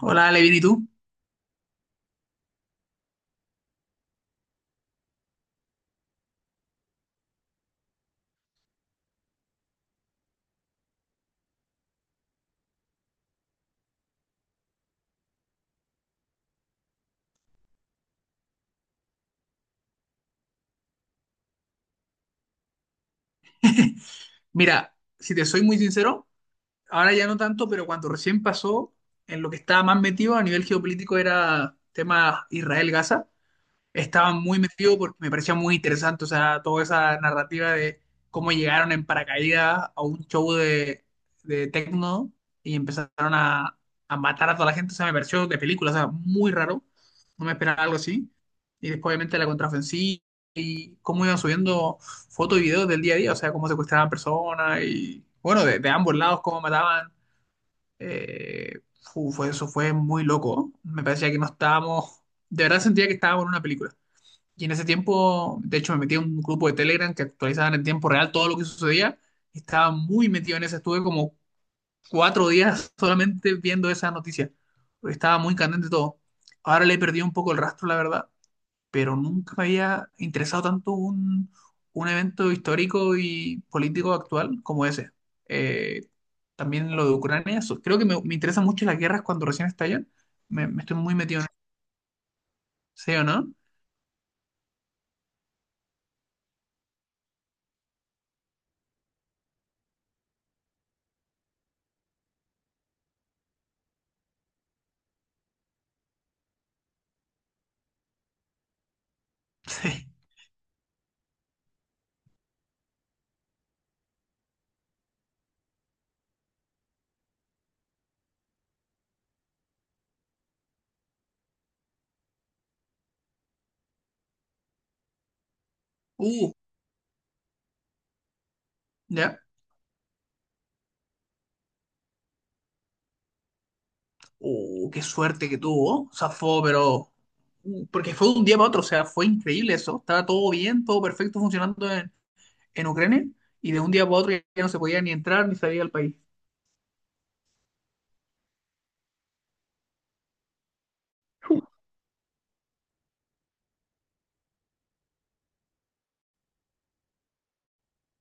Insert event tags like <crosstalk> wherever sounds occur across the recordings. Hola, Levin, ¿y tú? <laughs> Mira, si te soy muy sincero, ahora ya no tanto, pero cuando recién pasó, en lo que estaba más metido a nivel geopolítico era tema Israel-Gaza. Estaba muy metido porque me parecía muy interesante, o sea, toda esa narrativa de cómo llegaron en paracaídas a un show de techno y empezaron a matar a toda la gente, o sea, me pareció de película, o sea, muy raro, no me esperaba algo así. Y después, obviamente, la contraofensiva y cómo iban subiendo fotos y videos del día a día, o sea, cómo secuestraban personas y, bueno, de ambos lados, cómo mataban. eh, Eso fue muy loco. Me parecía que no estábamos, de verdad sentía que estábamos en una película. Y en ese tiempo, de hecho, me metí a un grupo de Telegram que actualizaban en tiempo real todo lo que sucedía. Estaba muy metido en eso. Estuve como 4 días <laughs> solamente viendo esa noticia, porque estaba muy candente todo. Ahora le he perdido un poco el rastro, la verdad, pero nunca me había interesado tanto un evento histórico y político actual como ese. Eh, También lo de Ucrania. Creo que me interesan mucho las guerras cuando recién estallan. Me estoy muy metido en eso. ¿Sí o no? <laughs> Sí. Uh, ya. Oh, qué suerte que tuvo. Zafó, pero. Mm, porque fue de un día para otro, o sea, fue increíble eso. Estaba todo bien, todo perfecto funcionando en Ucrania, y de un día para otro ya no se podía ni entrar ni salir al país.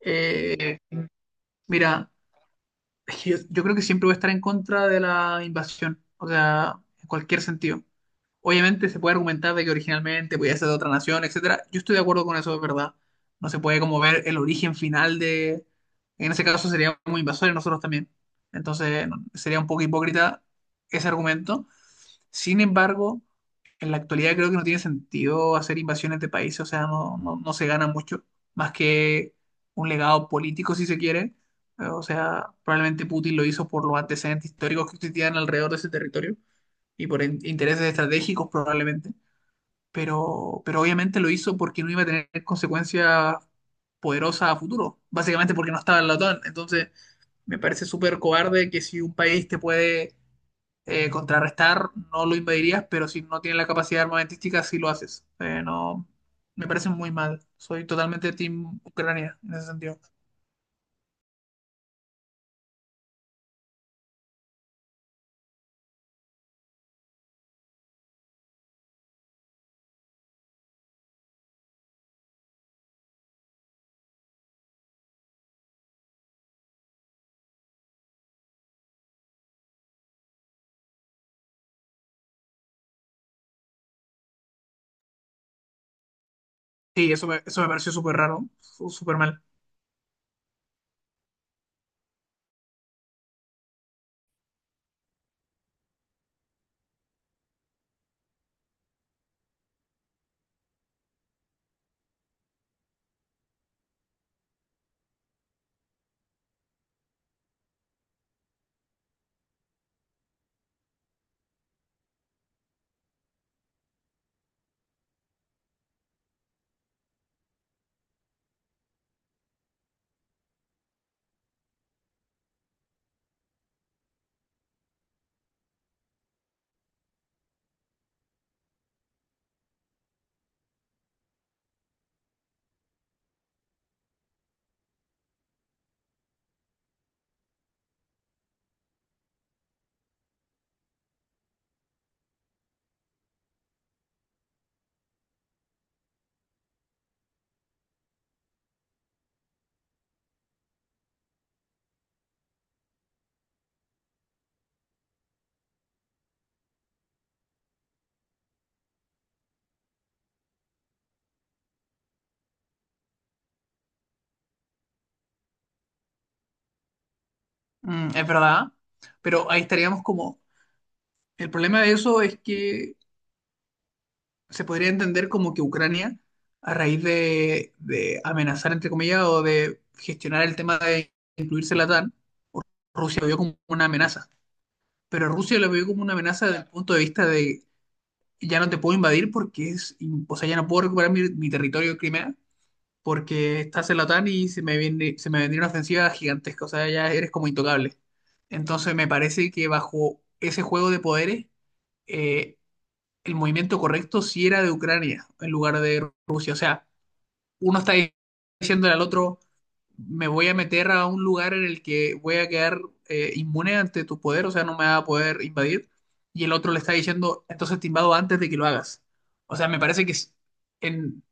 Eh, Mira, <laughs> yo creo que siempre voy a estar en contra de la invasión, o sea, en cualquier sentido. Obviamente se puede argumentar de que originalmente podía ser de otra nación, etcétera. Yo estoy de acuerdo con eso, es verdad. No se puede como ver el origen final de... En ese caso sería muy invasores nosotros también. Entonces no, sería un poco hipócrita ese argumento. Sin embargo, en la actualidad creo que no tiene sentido hacer invasiones de países, o sea, no, no, no se gana mucho, más que un legado político si se quiere. O sea, probablemente Putin lo hizo por los antecedentes históricos que existían alrededor de ese territorio y por intereses estratégicos probablemente, pero obviamente lo hizo porque no iba a tener consecuencias poderosas a futuro, básicamente porque no estaba en la OTAN. Entonces, me parece súper cobarde que si un país te puede contrarrestar, no lo invadirías, pero si no tiene la capacidad armamentística, sí lo haces. No, Me parece muy mal. Soy totalmente team Ucrania en ese sentido. Sí, eso me pareció súper raro, súper mal. Mm, es verdad, pero ahí estaríamos como... El problema de eso es que se podría entender como que Ucrania, a raíz de amenazar, entre comillas, o de gestionar el tema de incluirse en la OTAN, Rusia lo vio como una amenaza. Pero Rusia lo vio como una amenaza desde el punto de vista de ya no te puedo invadir porque es, o sea, ya no puedo recuperar mi territorio de Crimea porque estás en la OTAN y se me vendría una ofensiva gigantesca, o sea, ya eres como intocable. Entonces me parece que bajo ese juego de poderes, eh, el movimiento correcto si era de Ucrania en lugar de Rusia. O sea, uno está diciéndole al otro, me voy a meter a un lugar en el que voy a quedar inmune ante tu poder, o sea, no me va a poder invadir. Y el otro le está diciendo, entonces te invado antes de que lo hagas. O sea, me parece que en-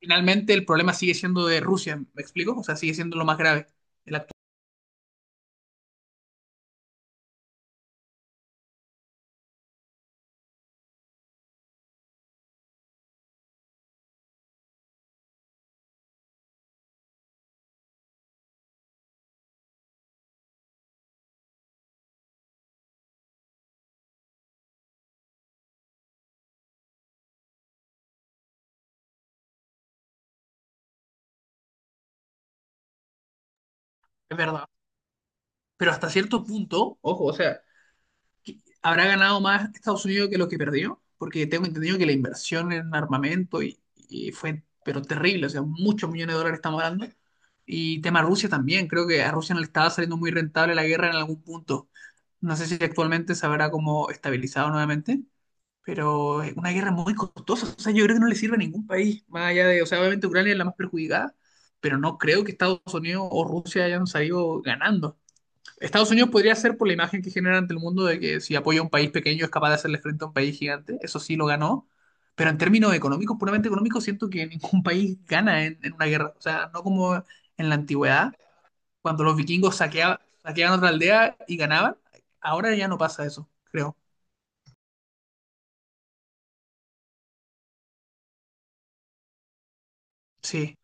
finalmente el problema sigue siendo de Rusia, ¿me explico? O sea, sigue siendo lo más grave. el actual- es verdad. Pero hasta cierto punto, ojo, o sea, ¿habrá ganado más Estados Unidos que lo que perdió? Porque tengo entendido que la inversión en armamento y fue, pero terrible, o sea, muchos millones de dólares estamos hablando. Y tema Rusia también, creo que a Rusia no le estaba saliendo muy rentable la guerra en algún punto. No sé si actualmente se habrá como estabilizado nuevamente, pero es una guerra muy costosa. O sea, yo creo que no le sirve a ningún país, más allá de, o sea, obviamente Ucrania es la más perjudicada, pero no creo que Estados Unidos o Rusia hayan salido ganando. Estados Unidos podría ser por la imagen que genera ante el mundo de que si apoya a un país pequeño es capaz de hacerle frente a un país gigante. Eso sí lo ganó. Pero en términos económicos, puramente económicos, siento que ningún <laughs> país gana en una guerra. O sea, no como en la antigüedad, cuando los vikingos saqueaban otra aldea y ganaban. Ahora ya no pasa eso, creo. Sí,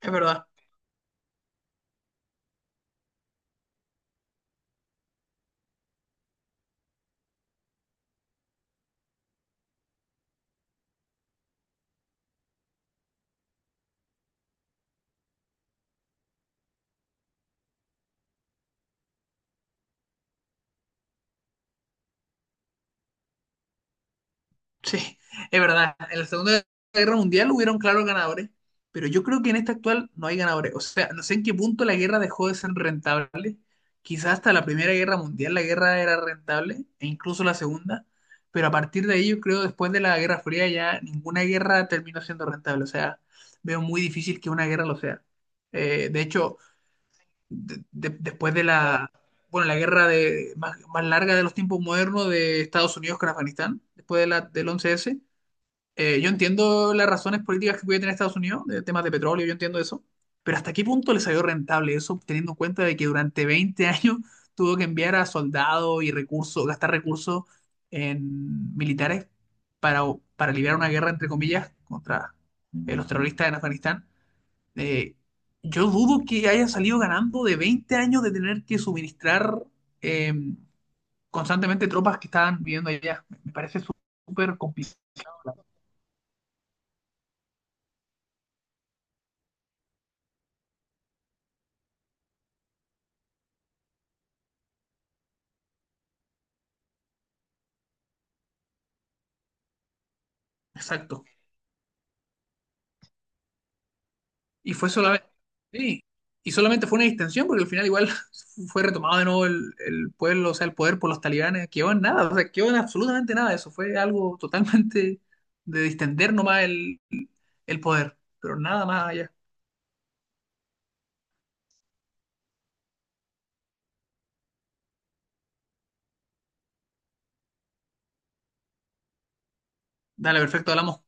es verdad. Sí, es verdad. En la Segunda Guerra Mundial hubieron claros ganadores, pero yo creo que en esta actual no hay ganadores. O sea, no sé en qué punto la guerra dejó de ser rentable. Quizás hasta la Primera Guerra Mundial la guerra era rentable, e incluso la Segunda, pero a partir de ahí yo creo después de la Guerra Fría ya ninguna guerra terminó siendo rentable. O sea, veo muy difícil que una guerra lo sea. De hecho, después de la, bueno, la guerra más larga de los tiempos modernos de Estados Unidos con Afganistán, después de la, del 11-S yo entiendo las razones políticas que puede tener Estados Unidos, de temas de petróleo, yo entiendo eso, pero ¿hasta qué punto le salió rentable eso, teniendo en cuenta de que durante 20 <laughs> años tuvo que enviar a soldados y recursos, gastar recursos en militares para, para liberar una guerra, entre comillas, contra los terroristas en Afganistán? Eh, yo dudo que haya salido ganando de 20 años de tener que suministrar eh, constantemente tropas que estaban viviendo allá. Me parece súper complicado. Exacto. Y fue solamente, sí, y solamente fue una distensión porque al final igual <laughs> fue retomado de nuevo el pueblo, o sea, el poder por los talibanes, quedó en nada, o sea, quedó en absolutamente nada, eso fue algo totalmente de distender nomás el poder, pero nada más allá. Dale, perfecto, hablamos.